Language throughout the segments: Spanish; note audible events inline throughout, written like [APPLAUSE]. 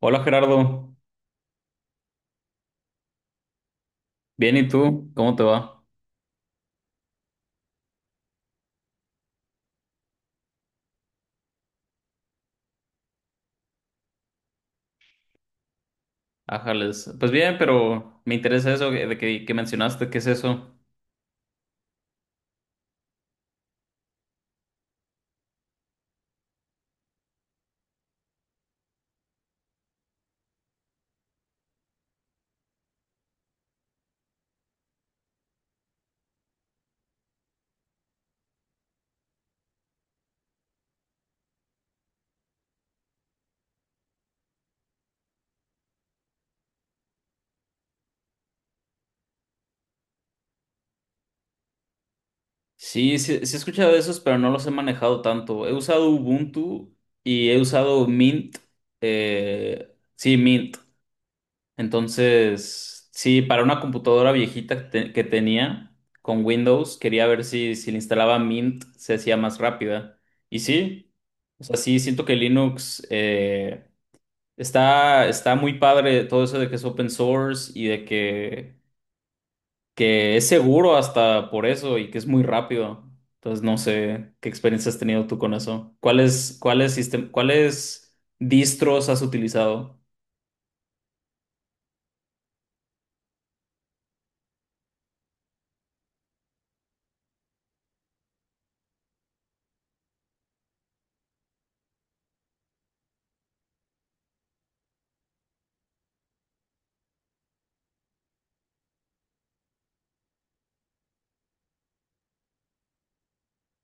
Hola Gerardo, bien y tú, ¿cómo te va? Ájales, pues bien, pero me interesa eso que mencionaste, ¿qué es eso? Sí, he escuchado de esos, pero no los he manejado tanto. He usado Ubuntu y he usado Mint, sí, Mint. Entonces, sí, para una computadora viejita que tenía con Windows, quería ver si le instalaba Mint se hacía más rápida. Y sí, o sea, sí, siento que Linux... está, está muy padre todo eso de que es open source y de que es seguro hasta por eso y que es muy rápido. Entonces no sé qué experiencia has tenido tú con eso. Cuáles distros has utilizado?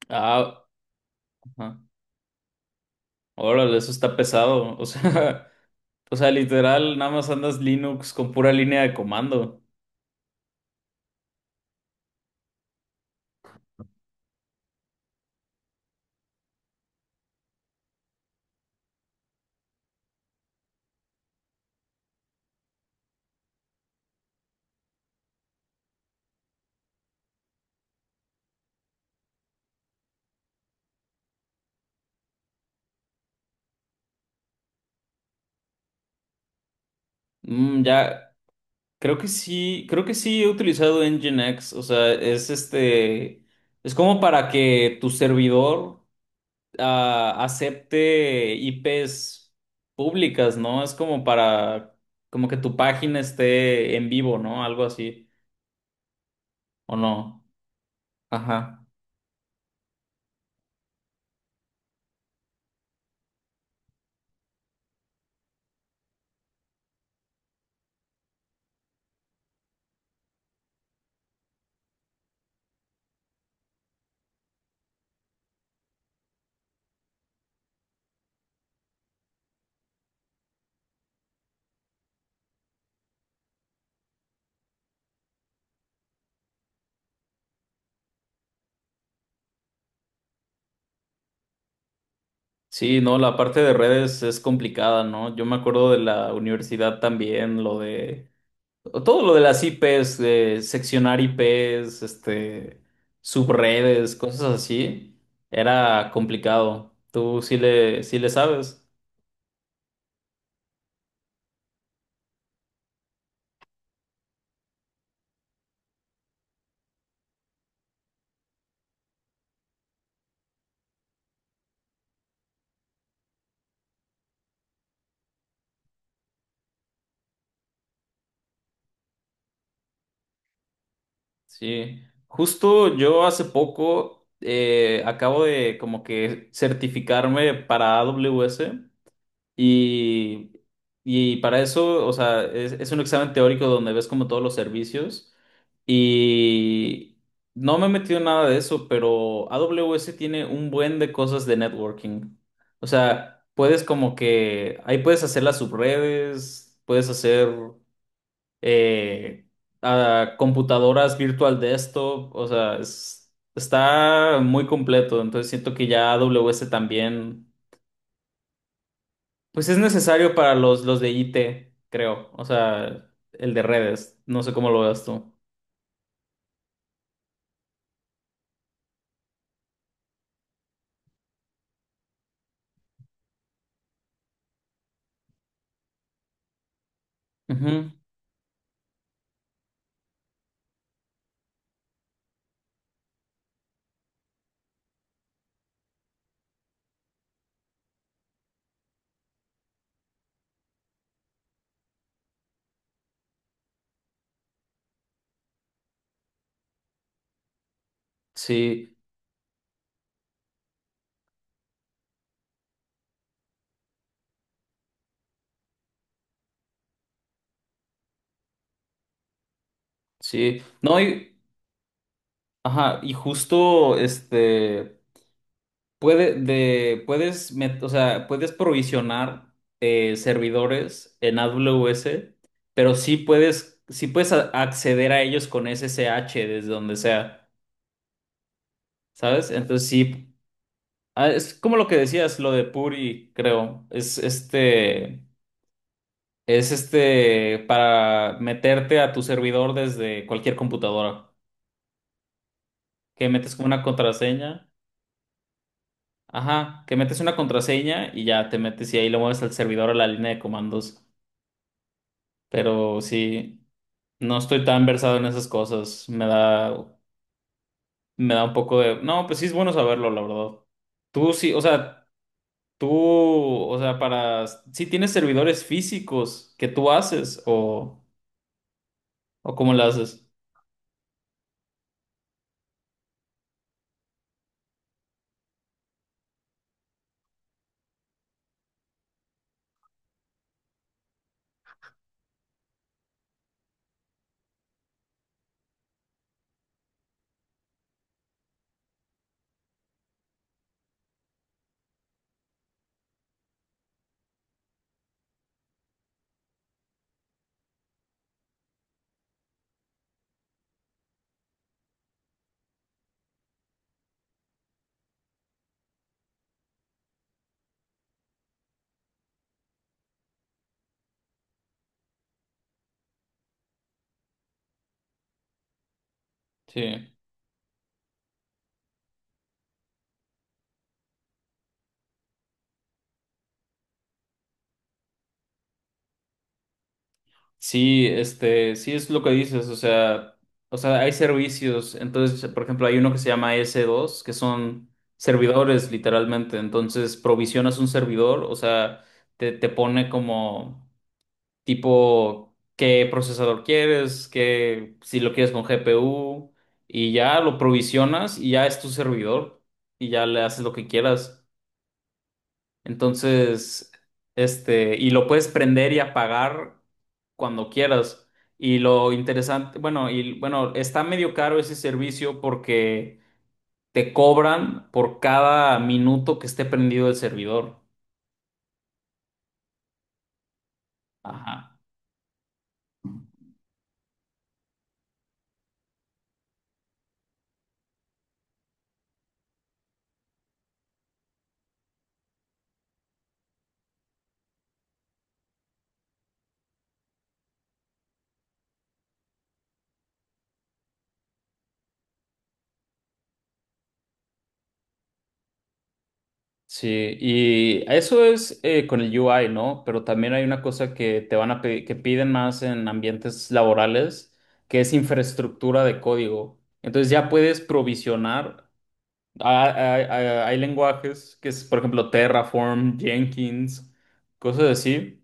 Ah, ajá. Órale, eso está pesado. O sea, [LAUGHS] o sea, literal, nada más andas Linux con pura línea de comando. Mm, ya, creo que sí, creo que sí he utilizado Nginx, o sea, es este, es como para que tu servidor acepte IPs públicas, ¿no? Es como para, como que tu página esté en vivo, ¿no? Algo así, ¿o no? Ajá. Sí, no, la parte de redes es complicada, ¿no? Yo me acuerdo de la universidad también, lo de todo lo de las IPs, de seccionar IPs, este, subredes, cosas así, era complicado. Tú sí sí le sabes. Sí. Justo yo hace poco acabo de como que certificarme para AWS. Y, y para eso, o sea, es un examen teórico donde ves como todos los servicios. Y no me he metido en nada de eso, pero AWS tiene un buen de cosas de networking. O sea, puedes como que ahí puedes hacer las subredes, puedes hacer eh, computadoras virtual desktop. O sea, está muy completo. Entonces siento que ya AWS también. Pues es necesario para los de IT, creo. O sea, el de redes. No sé cómo lo veas tú. Ujú. Sí, sí. No, y, ajá, y justo este puede de puedes met- o sea, puedes provisionar servidores en AWS, pero sí puedes acceder a ellos con SSH desde donde sea, ¿sabes? Entonces sí, ah, es como lo que decías, lo de Puri, creo. Es este, es este para meterte a tu servidor desde cualquier computadora. Que metes como una contraseña. Ajá, que metes una contraseña y ya te metes y ahí lo mueves al servidor a la línea de comandos. Pero sí, no estoy tan versado en esas cosas. Me da un poco de. No, pues sí es bueno saberlo, la verdad. Tú sí, o sea, tú, o sea, para. Sí tienes servidores físicos que tú haces o cómo lo haces. Sí. Sí, este, sí es lo que dices, o sea, hay servicios, entonces, por ejemplo, hay uno que se llama s dos que son servidores literalmente, entonces provisionas un servidor, o sea, te pone como tipo qué procesador quieres, qué, si lo quieres con GPU, y ya lo provisionas y ya es tu servidor, y ya le haces lo que quieras. Entonces, este, y lo puedes prender y apagar cuando quieras. Y lo interesante, bueno, y bueno, está medio caro ese servicio porque te cobran por cada minuto que esté prendido el servidor. Ajá. Sí, y eso es con el UI, ¿no? Pero también hay una cosa que te van que piden más en ambientes laborales, que es infraestructura de código. Entonces ya puedes provisionar. Ah, Hay, hay- hay lenguajes que es, por ejemplo, Terraform, Jenkins, cosas así,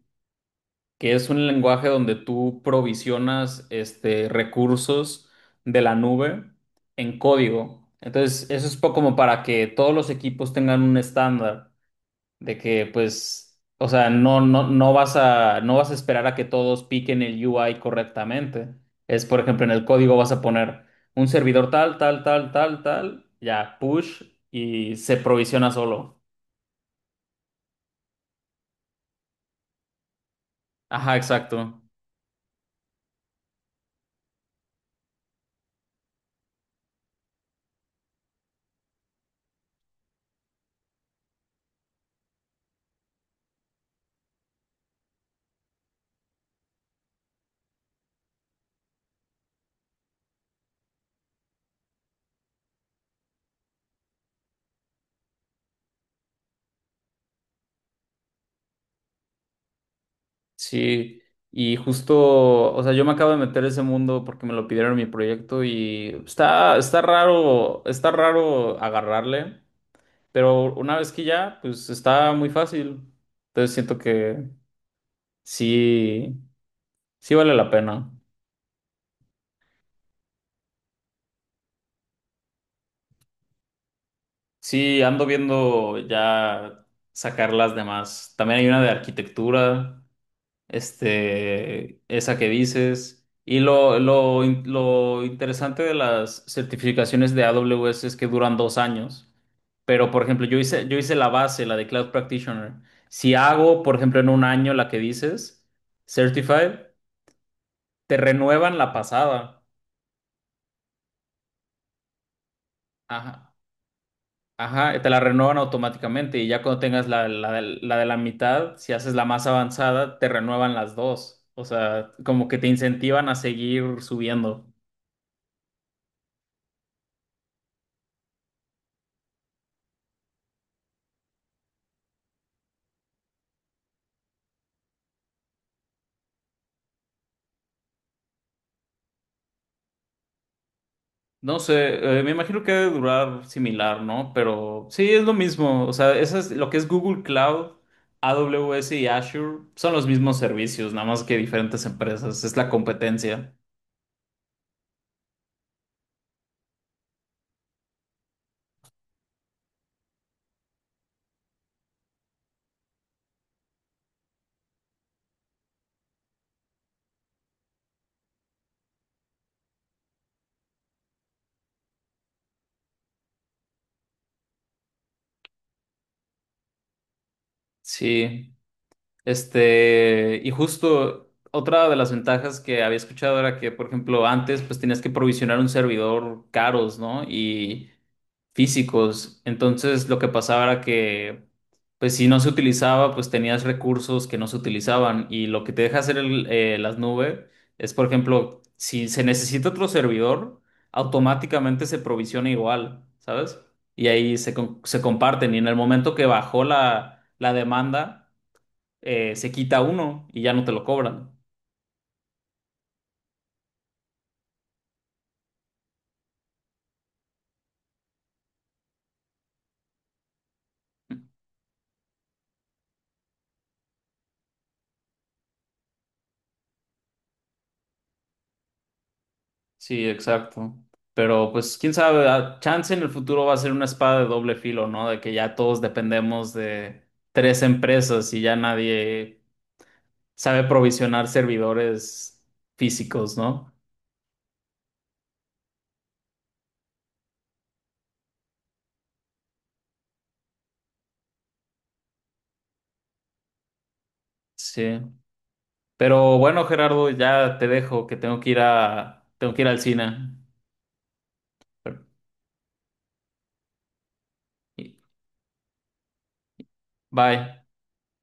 que es un lenguaje donde tú provisionas este, recursos de la nube en código. Entonces, eso es po- como para que todos los equipos tengan un estándar de que pues, o sea, no vas a, no vas a esperar a que todos piquen el UI correctamente. Es, por ejemplo, en el código vas a poner un servidor tal, tal, tal, tal, tal, ya, push y se provisiona solo. Ajá, exacto. Sí. Y justo, o sea, yo me acabo de meter a ese mundo porque me lo pidieron en mi proyecto y está, está raro agarrarle, pero una vez que ya, pues está muy fácil. Entonces siento que sí, sí vale la pena. Sí, ando viendo ya sacar las demás. También hay una de arquitectura, este, esa que dices. Y lo interesante de las certificaciones de AWS es que duran 2 años. Pero, por ejemplo, yo hice la base, la de Cloud Practitioner. Si hago, por ejemplo, en un año la que dices, Certified, te renuevan la pasada. Ajá. Ajá, te la renuevan automáticamente y ya cuando tengas la de la mitad, si haces la más avanzada, te renuevan las dos. O sea, como que te incentivan a seguir subiendo. No sé, me imagino que debe durar similar, ¿no? Pero sí, es lo mismo. O sea, eso es lo que es Google Cloud, AWS y Azure son los mismos servicios, nada más que diferentes empresas. Es la competencia. Sí. Este, y justo otra de las ventajas que había escuchado era que, por ejemplo, antes pues tenías que provisionar un servidor caros, ¿no? Y físicos. Entonces lo que pasaba era que, pues si no se utilizaba, pues tenías recursos que no se utilizaban. Y lo que te deja hacer las nubes es, por ejemplo, si se necesita otro servidor, automáticamente se provisiona igual, ¿sabes? Y ahí se comparten. Y en el momento que bajó la demanda se quita uno y ya no te lo cobran. Sí, exacto. Pero pues quién sabe, a- chance en el futuro va a ser una espada de doble filo, ¿no? De que ya todos dependemos de 3 empresas y ya nadie sabe provisionar servidores físicos, ¿no? Sí. Pero bueno, Gerardo, ya te dejo, que tengo que ir a, tengo que ir al cine. Pero- y- Bye.